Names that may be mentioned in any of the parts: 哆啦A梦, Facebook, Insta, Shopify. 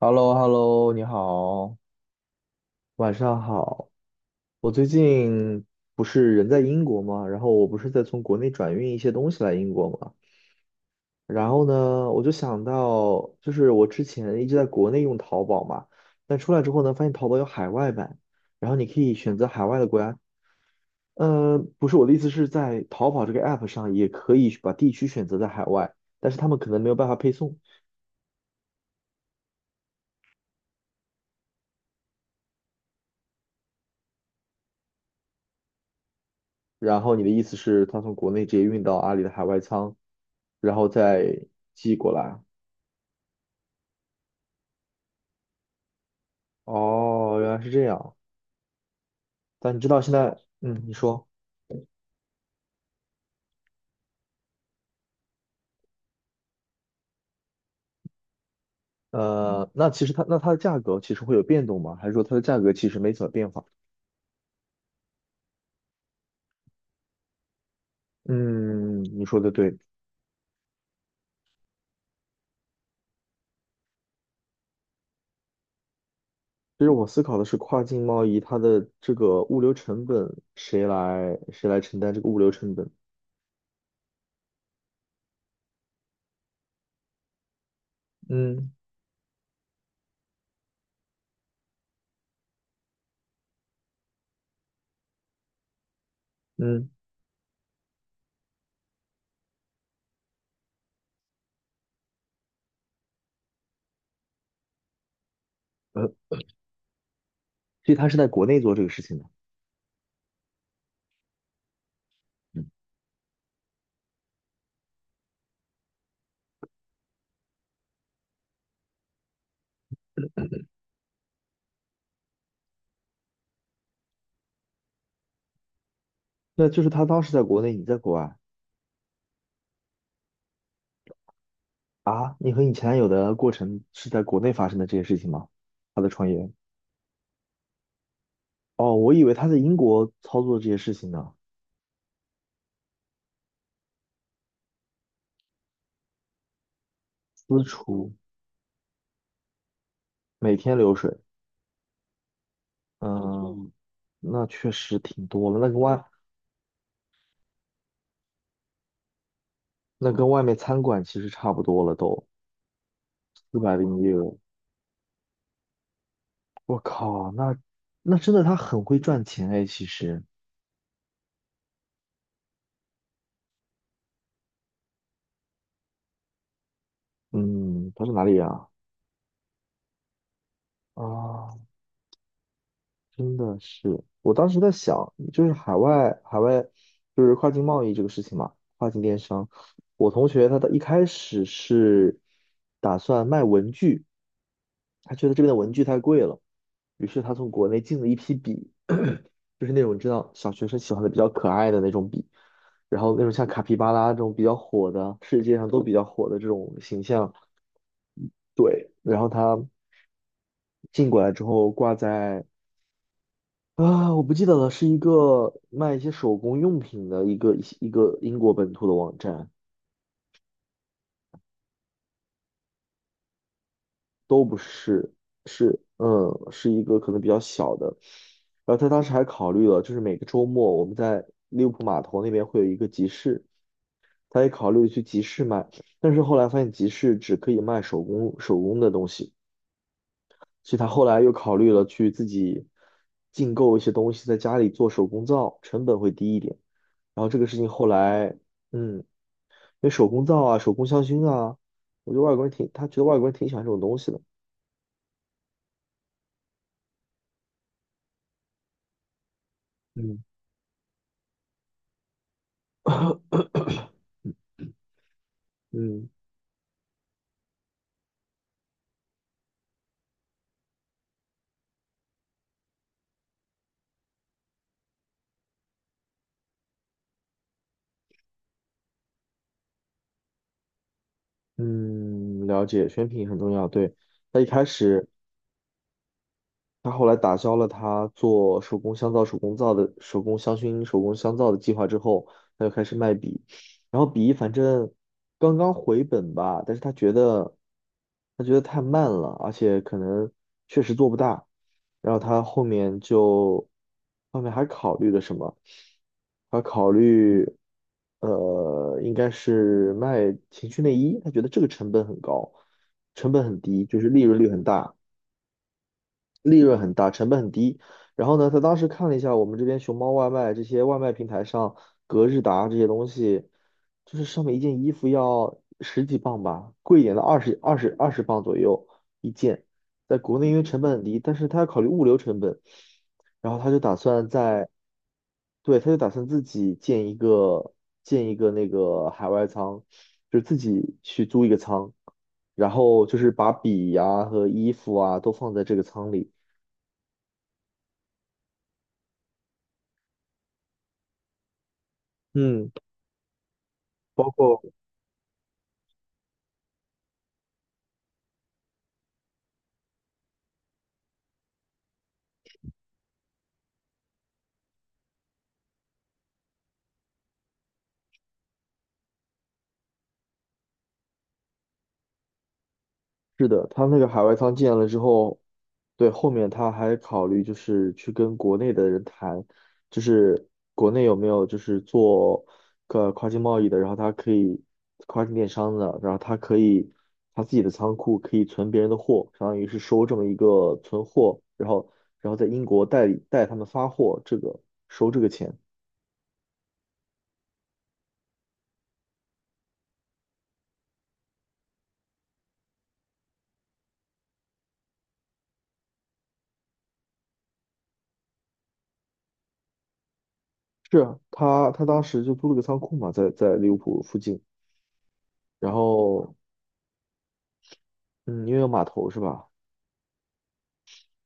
h e l l o h e l l o 你好，晚上好。我最近不是人在英国吗？然后我不是在从国内转运一些东西来英国吗？然后呢，我就想到，就是我之前一直在国内用淘宝嘛，但出来之后呢，发现淘宝有海外版，然后你可以选择海外的国家。不是我的意思是在淘宝这个 app 上也可以把地区选择在海外，但是他们可能没有办法配送。然后你的意思是，他从国内直接运到阿里的海外仓，然后再寄过来。哦，原来是这样。但你知道现在，嗯，你说，那其实它的价格其实会有变动吗？还是说它的价格其实没怎么变化？嗯，你说的对。其实我思考的是跨境贸易，它的这个物流成本谁来承担这个物流成本？嗯嗯，呃，所以他是在国内做这个事情的。嗯，那就是他当时在国内，你在国外。啊，你和你前男友的过程是在国内发生的这些事情吗？他的创业？哦，我以为他在英国操作这些事情呢。私厨，每天流水，嗯，那确实挺多了。那跟外面餐馆其实差不多了都，406。我靠，那真的他很会赚钱哎，其实，嗯，他是哪里人啊？啊，真的是，我当时在想，就是海外就是跨境贸易这个事情嘛，跨境电商。我同学他的一开始是打算卖文具，他觉得这边的文具太贵了，于是他从国内进了一批笔，就是那种知道小学生喜欢的比较可爱的那种笔，然后那种像卡皮巴拉这种比较火的，世界上都比较火的这种形象。对，然后他进过来之后挂在啊，我不记得了，是一个卖一些手工用品的一个英国本土的网站，都不是，是嗯，是一个可能比较小的。然后他当时还考虑了，就是每个周末我们在利物浦码头那边会有一个集市，他也考虑去集市卖，但是后来发现集市只可以卖手工的东西，所以他后来又考虑了去自己进购一些东西，在家里做手工皂，成本会低一点。然后这个事情后来。嗯，那手工皂啊、手工香薰啊，我觉得外国人挺，他觉得外国人挺喜欢这种东西的。嗯 嗯嗯，了解，选品很重要。对，他一开始。他后来打消了他做手工香皂、手工皂的手工香薰、手工香皂的计划之后，他就开始卖笔，然后笔反正刚刚回本吧，但是他觉得太慢了，而且可能确实做不大，然后他后面就后面还考虑了什么？他考虑应该是卖情趣内衣，他觉得这个成本很高，成本很低，就是利润率很大。利润很大，成本很低。然后呢，他当时看了一下我们这边熊猫外卖这些外卖平台上，格日达这些东西，就是上面一件衣服要十几磅吧，贵一点的二十磅左右一件。在国内因为成本很低，但是他要考虑物流成本，然后他就打算在，对，他就打算自己建一个那个海外仓，就是自己去租一个仓，然后就是把笔呀、和衣服啊都放在这个仓里。嗯，包括是的，他那个海外仓建了之后，对，后面他还考虑就是去跟国内的人谈，就是国内有没有就是做个跨境贸易的，然后他可以跨境电商的，然后他可以他自己的仓库可以存别人的货，相当于是收这么一个存货，然后然后在英国代理代他们发货，这个收这个钱。是啊，他当时就租了个仓库嘛，在利物浦附近，然后嗯，因为有码头是吧？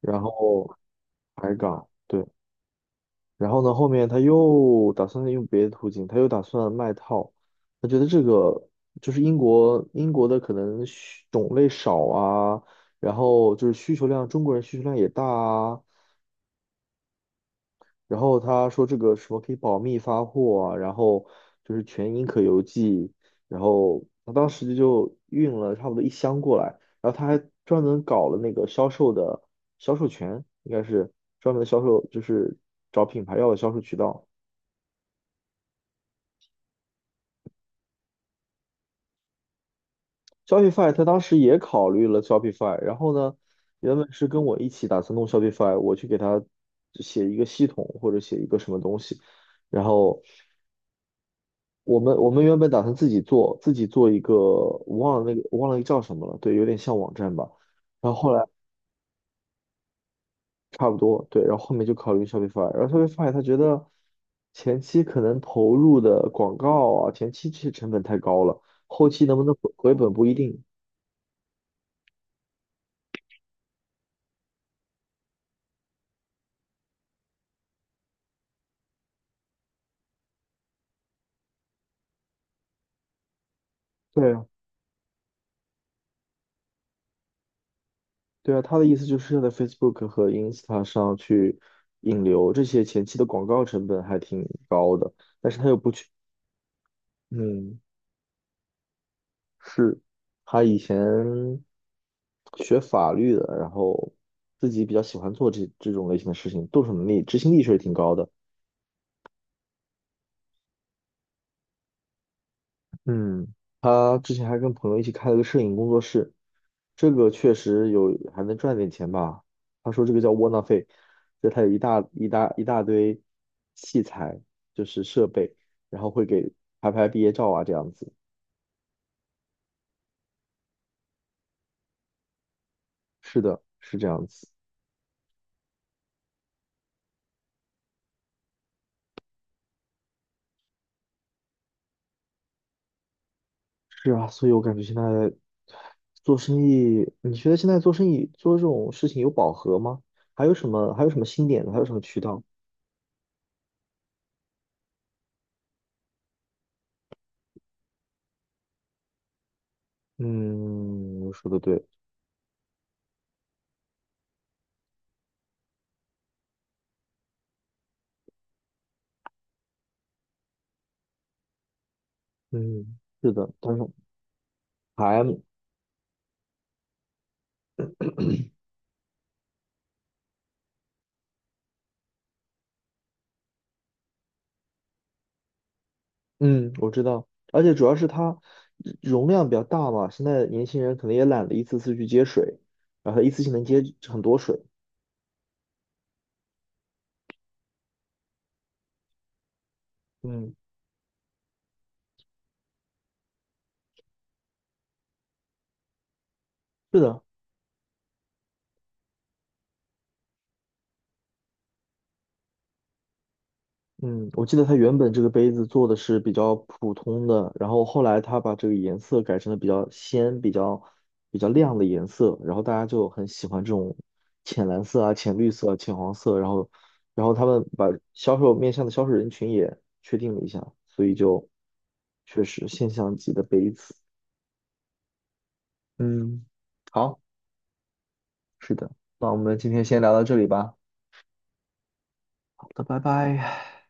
然后海港，对，然后呢，后面他又打算用别的途径，他又打算卖套。他觉得这个就是英国的可能需种类少啊，然后就是需求量，中国人需求量也大啊，然后他说这个什么可以保密发货啊，然后就是全英可邮寄，然后他当时就运了差不多一箱过来，然后他还专门搞了那个销售的销售权，应该是专门的销售，就是找品牌要的销售渠道。Shopify 他当时也考虑了 Shopify，然后呢，原本是跟我一起打算弄 Shopify，我去给他写一个系统或者写一个什么东西，然后。我们原本打算自己做，自己做一个，我忘了那个我忘了叫什么了，对，有点像网站吧。然后后来差不多，对，然后后面就考虑 Shopify，然后 Shopify 他觉得前期可能投入的广告啊，前期这些成本太高了，后期能不能回本不一定。对啊，对啊，他的意思就是要在 Facebook 和 Insta 上去引流，这些前期的广告成本还挺高的，但是他又不去，嗯。是他以前学法律的，然后自己比较喜欢做这种类型的事情，动手能力、执行力确实挺高的。嗯他之前还跟朋友一起开了个摄影工作室，这个确实有还能赚点钱吧。他说这个叫窝囊废，就他有一大一大一大堆器材，就是设备，然后会给拍拍毕业照啊这样子。是的，是这样子。是啊，所以我感觉现在做生意，你觉得现在做生意做这种事情有饱和吗？还有什么新点子？还有什么渠道？嗯，说的对，嗯，是的，但是还嗯，我知道，而且主要是它容量比较大嘛，现在年轻人可能也懒得一次次去接水，然后一次性能接很多水。嗯，是的，嗯，我记得它原本这个杯子做的是比较普通的，然后后来它把这个颜色改成了比较鲜、比较亮的颜色，然后大家就很喜欢这种浅蓝色啊、浅绿色啊浅黄色，然后然后他们把销售面向的销售人群也确定了一下，所以就确实现象级的杯子。嗯，好，是的，那我们今天先聊到这里吧。好的，拜拜。